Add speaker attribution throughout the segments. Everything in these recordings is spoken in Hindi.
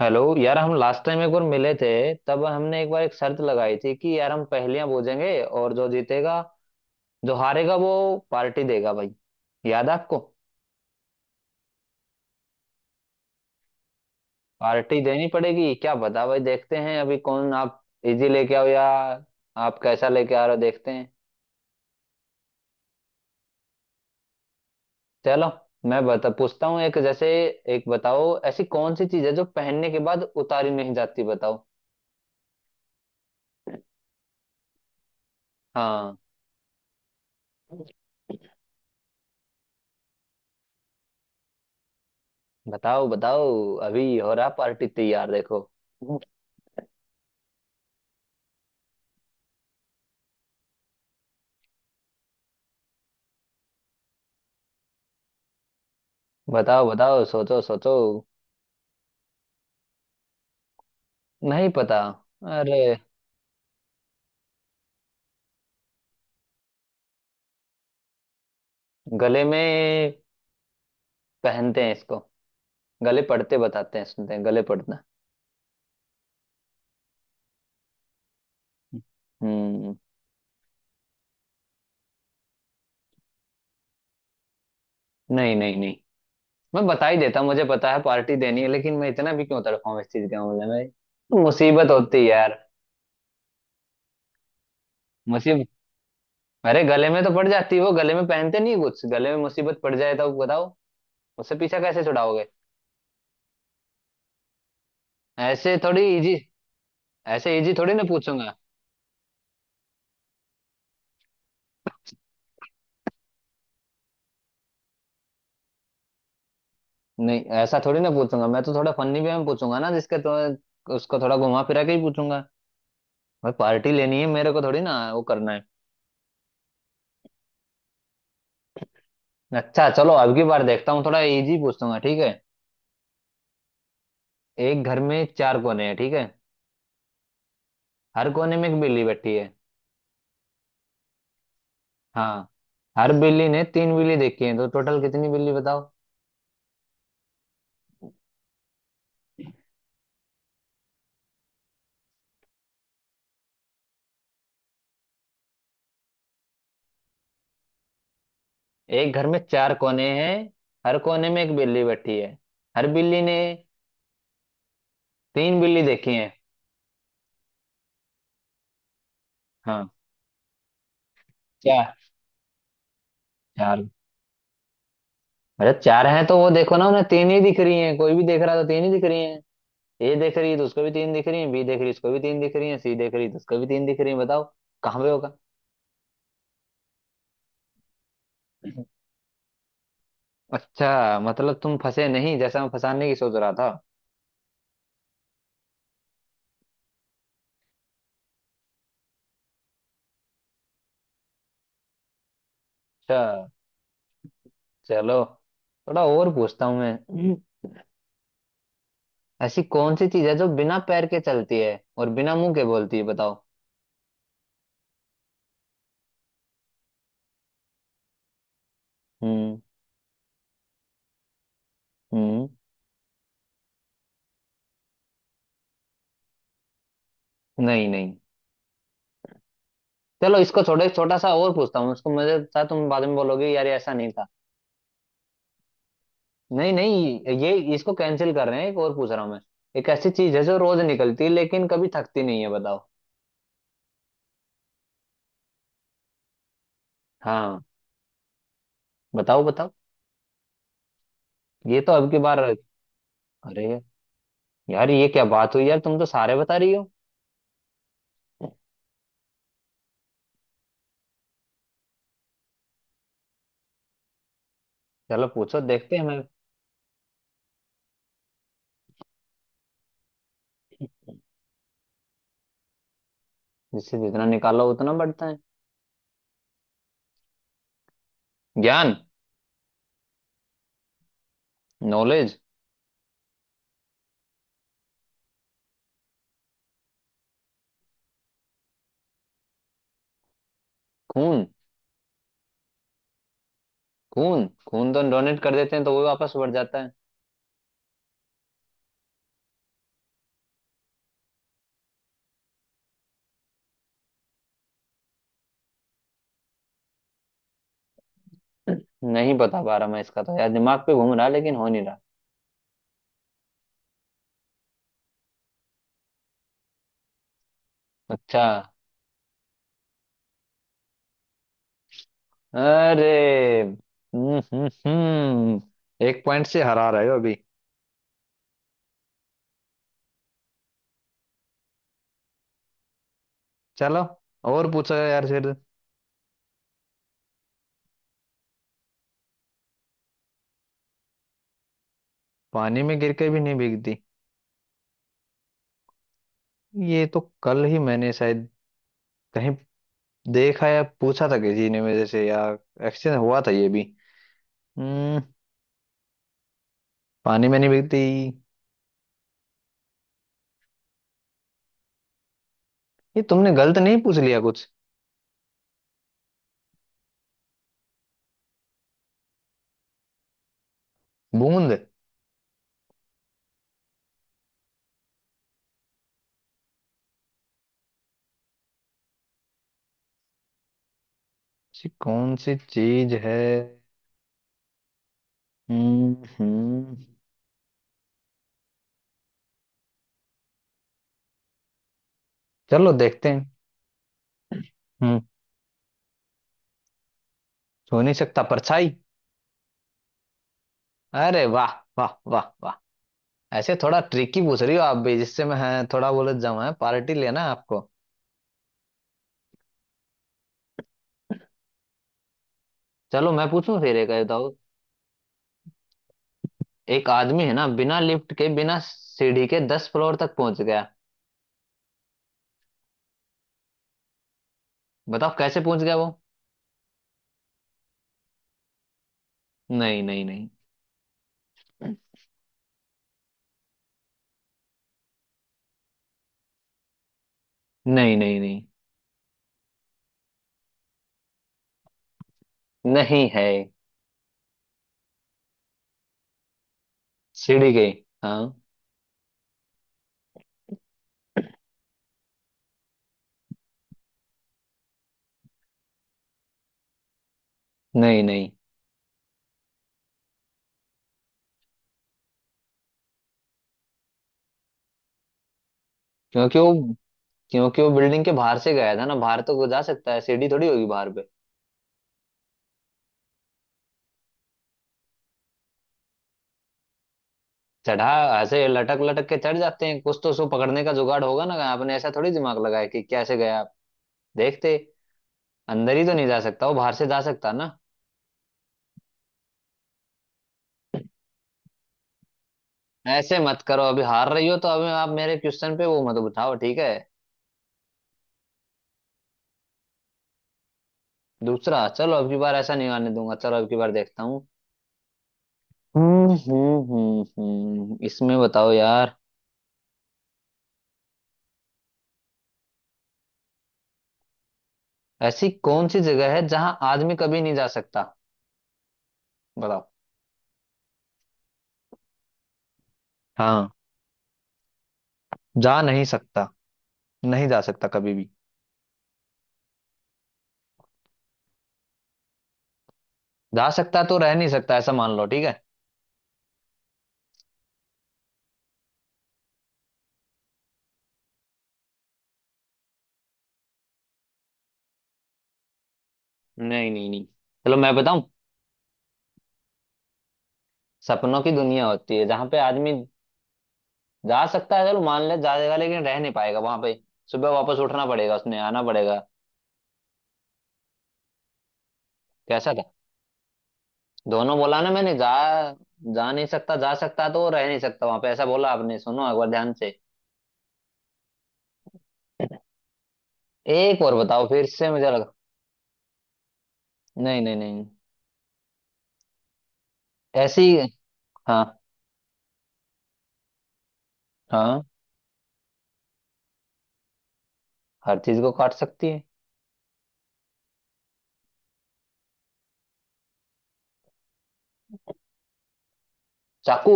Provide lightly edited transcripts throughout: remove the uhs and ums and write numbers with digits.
Speaker 1: हेलो यार। हम लास्ट टाइम एक बार मिले थे। तब हमने एक बार एक शर्त लगाई थी कि यार हम पहेलियां बूझेंगे, और जो जीतेगा जो हारेगा वो पार्टी देगा भाई। याद है आपको? पार्टी देनी पड़ेगी, क्या पता भाई, देखते हैं अभी कौन आप इजी लेके आओ या आप कैसा लेके आ रहे हो देखते हैं। चलो, मैं बता पूछता हूँ एक, जैसे एक बताओ, ऐसी कौन सी चीज है जो पहनने के बाद उतारी नहीं जाती? बताओ। हाँ। बताओ बताओ, अभी हो रहा पार्टी तैयार, देखो। बताओ बताओ, सोचो सोचो। नहीं पता? अरे, गले में पहनते हैं इसको। गले पड़ते बताते हैं, सुनते हैं गले पड़ना? हम्म। नहीं नहीं नहीं। मैं बता ही देता, मुझे पता है पार्टी देनी है, लेकिन मैं इतना भी क्यों तड़पाऊं। इस चीज के मामले में मुसीबत होती है यार। मुसीबत। अरे गले में तो पड़ जाती है वो, गले में पहनते नहीं कुछ, गले में मुसीबत पड़ जाए तो बताओ उससे पीछा कैसे छुड़ाओगे। ऐसे थोड़ी इजी, ऐसे इजी थोड़ी ना पूछूंगा। नहीं, ऐसा थोड़ी ना पूछूंगा मैं, तो थोड़ा फनी वे में पूछूंगा ना, जिसके तो उसको थोड़ा घुमा फिरा के ही पूछूंगा। भाई पार्टी लेनी है मेरे को, थोड़ी ना वो करना है। अच्छा चलो, अब की बार देखता हूँ थोड़ा इजी पूछूंगा, ठीक है। एक घर में चार कोने हैं, ठीक है। हर कोने में एक बिल्ली बैठी है। हाँ। हर बिल्ली ने तीन बिल्ली देखी है, तो टोटल कितनी बिल्ली बताओ। एक घर में चार कोने हैं। हर कोने में एक बिल्ली बैठी है। हर बिल्ली ने तीन बिल्ली देखी है। हाँ। चार। चार। अच्छा चार हैं, तो वो देखो ना उन्हें तीन ही दिख रही हैं। कोई भी देख रहा है तो तीन ही दिख रही हैं। ए देख रही है तो उसको भी तीन दिख रही हैं, बी देख रही है तो उसको भी तीन दिख रही हैं, सी देख रही है तो उसको भी तीन दिख रही हैं। बताओ कहाँ पे होगा। अच्छा, मतलब तुम फंसे नहीं जैसा मैं फंसाने की सोच रहा था। अच्छा चलो, थोड़ा और पूछता हूँ मैं। ऐसी कौन सी चीज है जो बिना पैर के चलती है और बिना मुंह के बोलती है, बताओ। हम्म। हम्म। नहीं नहीं। चलो इसको छोड़ो, एक छोटा सा और पूछता हूँ। उसको मुझे था तुम बाद में बोलोगे यार ये ऐसा नहीं था। नहीं नहीं, ये इसको कैंसिल कर रहे हैं, एक और पूछ रहा हूँ मैं। एक ऐसी चीज है जो रोज निकलती है लेकिन कभी थकती नहीं है, बताओ। हाँ। बताओ बताओ। ये तो अब की बार। अरे यार, ये क्या बात हुई यार, तुम तो सारे बता रही हो। चलो पूछो, देखते हैं मैं। जिससे जितना निकालो उतना बढ़ता है। ज्ञान। नॉलेज। खून। खून खून तो डोनेट कर देते हैं तो वो वापस बढ़ जाता है। नहीं बता पा रहा मैं इसका तो यार, दिमाग पे घूम रहा है, लेकिन हो नहीं रहा। अच्छा। अरे। एक पॉइंट से हरा रहे हो अभी। चलो, और पूछा यार फिर। पानी में गिर के भी नहीं भीगती? ये तो कल ही मैंने शायद कहीं देखा या पूछा था, किसी ने मेरे से या एक्सचेंज हुआ था ये भी। हम्म। पानी में नहीं भीगती। ये तुमने गलत नहीं पूछ लिया कुछ? बूंद। ऐसी कौन सी चीज है। हम्म। चलो देखते हैं। हम्म। हो नहीं सकता, परछाई? अरे वाह, वाह वाह वाह। ऐसे थोड़ा ट्रिकी पूछ रही हो आप भी, जिससे मैं हाँ, थोड़ा बहुत जमा है, पार्टी लेना है आपको। चलो मैं पूछूं फिर एक, बताओ। एक आदमी है ना, बिना लिफ्ट के बिना सीढ़ी के 10 फ्लोर तक पहुंच गया। बताओ कैसे पहुंच गया वो। नहीं नहीं नहीं। नहीं नहीं नहीं। नहीं है। सीढ़ी के। हाँ। नहीं नहीं। क्योंकि वो क्योंकि वो बिल्डिंग के बाहर से गया था ना, बाहर तो वो जा सकता है, सीढ़ी थोड़ी होगी बाहर पे। चढ़ा। ऐसे लटक लटक के चढ़ जाते हैं कुछ, तो उसको पकड़ने का जुगाड़ होगा ना। आपने ऐसा थोड़ी दिमाग लगाया कि कैसे गया आप देखते। अंदर ही तो नहीं जा सकता वो, बाहर से जा सकता ना। ऐसे मत करो, अभी हार रही हो तो अभी आप मेरे क्वेश्चन पे वो मत उठाओ, ठीक है। दूसरा चलो, अब की बार ऐसा नहीं आने दूंगा। चलो अब की बार देखता हूँ। इसमें बताओ यार, ऐसी कौन सी जगह है जहां आदमी कभी नहीं जा सकता, बताओ। हाँ, जा नहीं सकता। नहीं जा सकता कभी भी। जा सकता तो रह नहीं सकता, ऐसा मान लो, ठीक है। नहीं नहीं नहीं। चलो मैं बताऊं, सपनों की दुनिया होती है जहां पे आदमी जा सकता है, चलो मान ले जाएगा, लेकिन रह नहीं पाएगा वहां पे, सुबह वापस उठना पड़ेगा, उसने आना पड़ेगा। कैसा था? दोनों बोला ना मैंने, जा जा नहीं सकता, जा सकता है तो वो रह नहीं सकता वहां पे, ऐसा बोला आपने, सुनो एक बार ध्यान से। एक और बताओ फिर से, मुझे लगा। नहीं नहीं नहीं। ऐसी। हाँ। हाँ। हर चीज को काट सकती है? चाकू।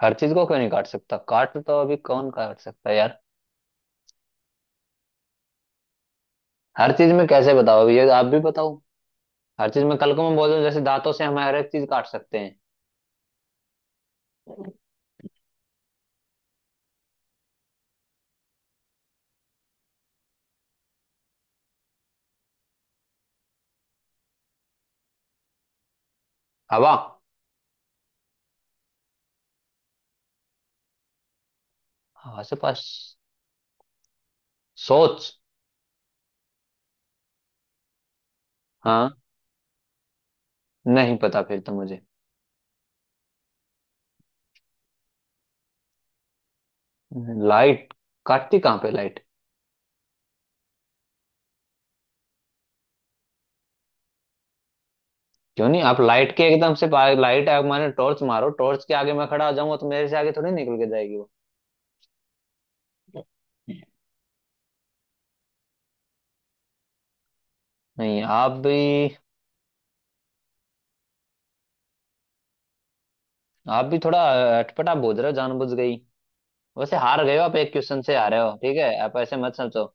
Speaker 1: हर चीज को क्यों नहीं काट सकता, काट तो अभी कौन काट सकता है यार। हर चीज में कैसे बताओ अभी, ये आप भी बताओ। हर चीज में कल को मैं बोल दूं, जैसे दांतों से हम हर एक चीज काट सकते हैं। हवा। हवा से पास। सोच। हाँ। नहीं पता फिर तो मुझे। लाइट? काटती कहाँ पे? लाइट क्यों नहीं, आप लाइट के एकदम से पा- लाइट आग मारे, टॉर्च मारो, टॉर्च के आगे मैं खड़ा आ जाऊंगा तो मेरे से आगे थोड़ी निकल के जाएगी वो। नहीं आप भी थोड़ा अटपटा बोल रहे हो जानबूझ गई। वैसे हार गए हो आप, एक क्वेश्चन से हारे हो, ठीक है, आप ऐसे मत समझो।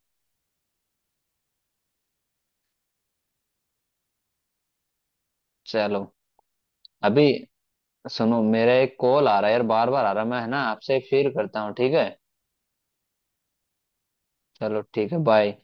Speaker 1: चलो अभी। सुनो, मेरा एक कॉल आ रहा है यार, बार बार आ रहा है, मैं है ना आपसे फिर करता हूँ ठीक है। चलो ठीक है, बाय।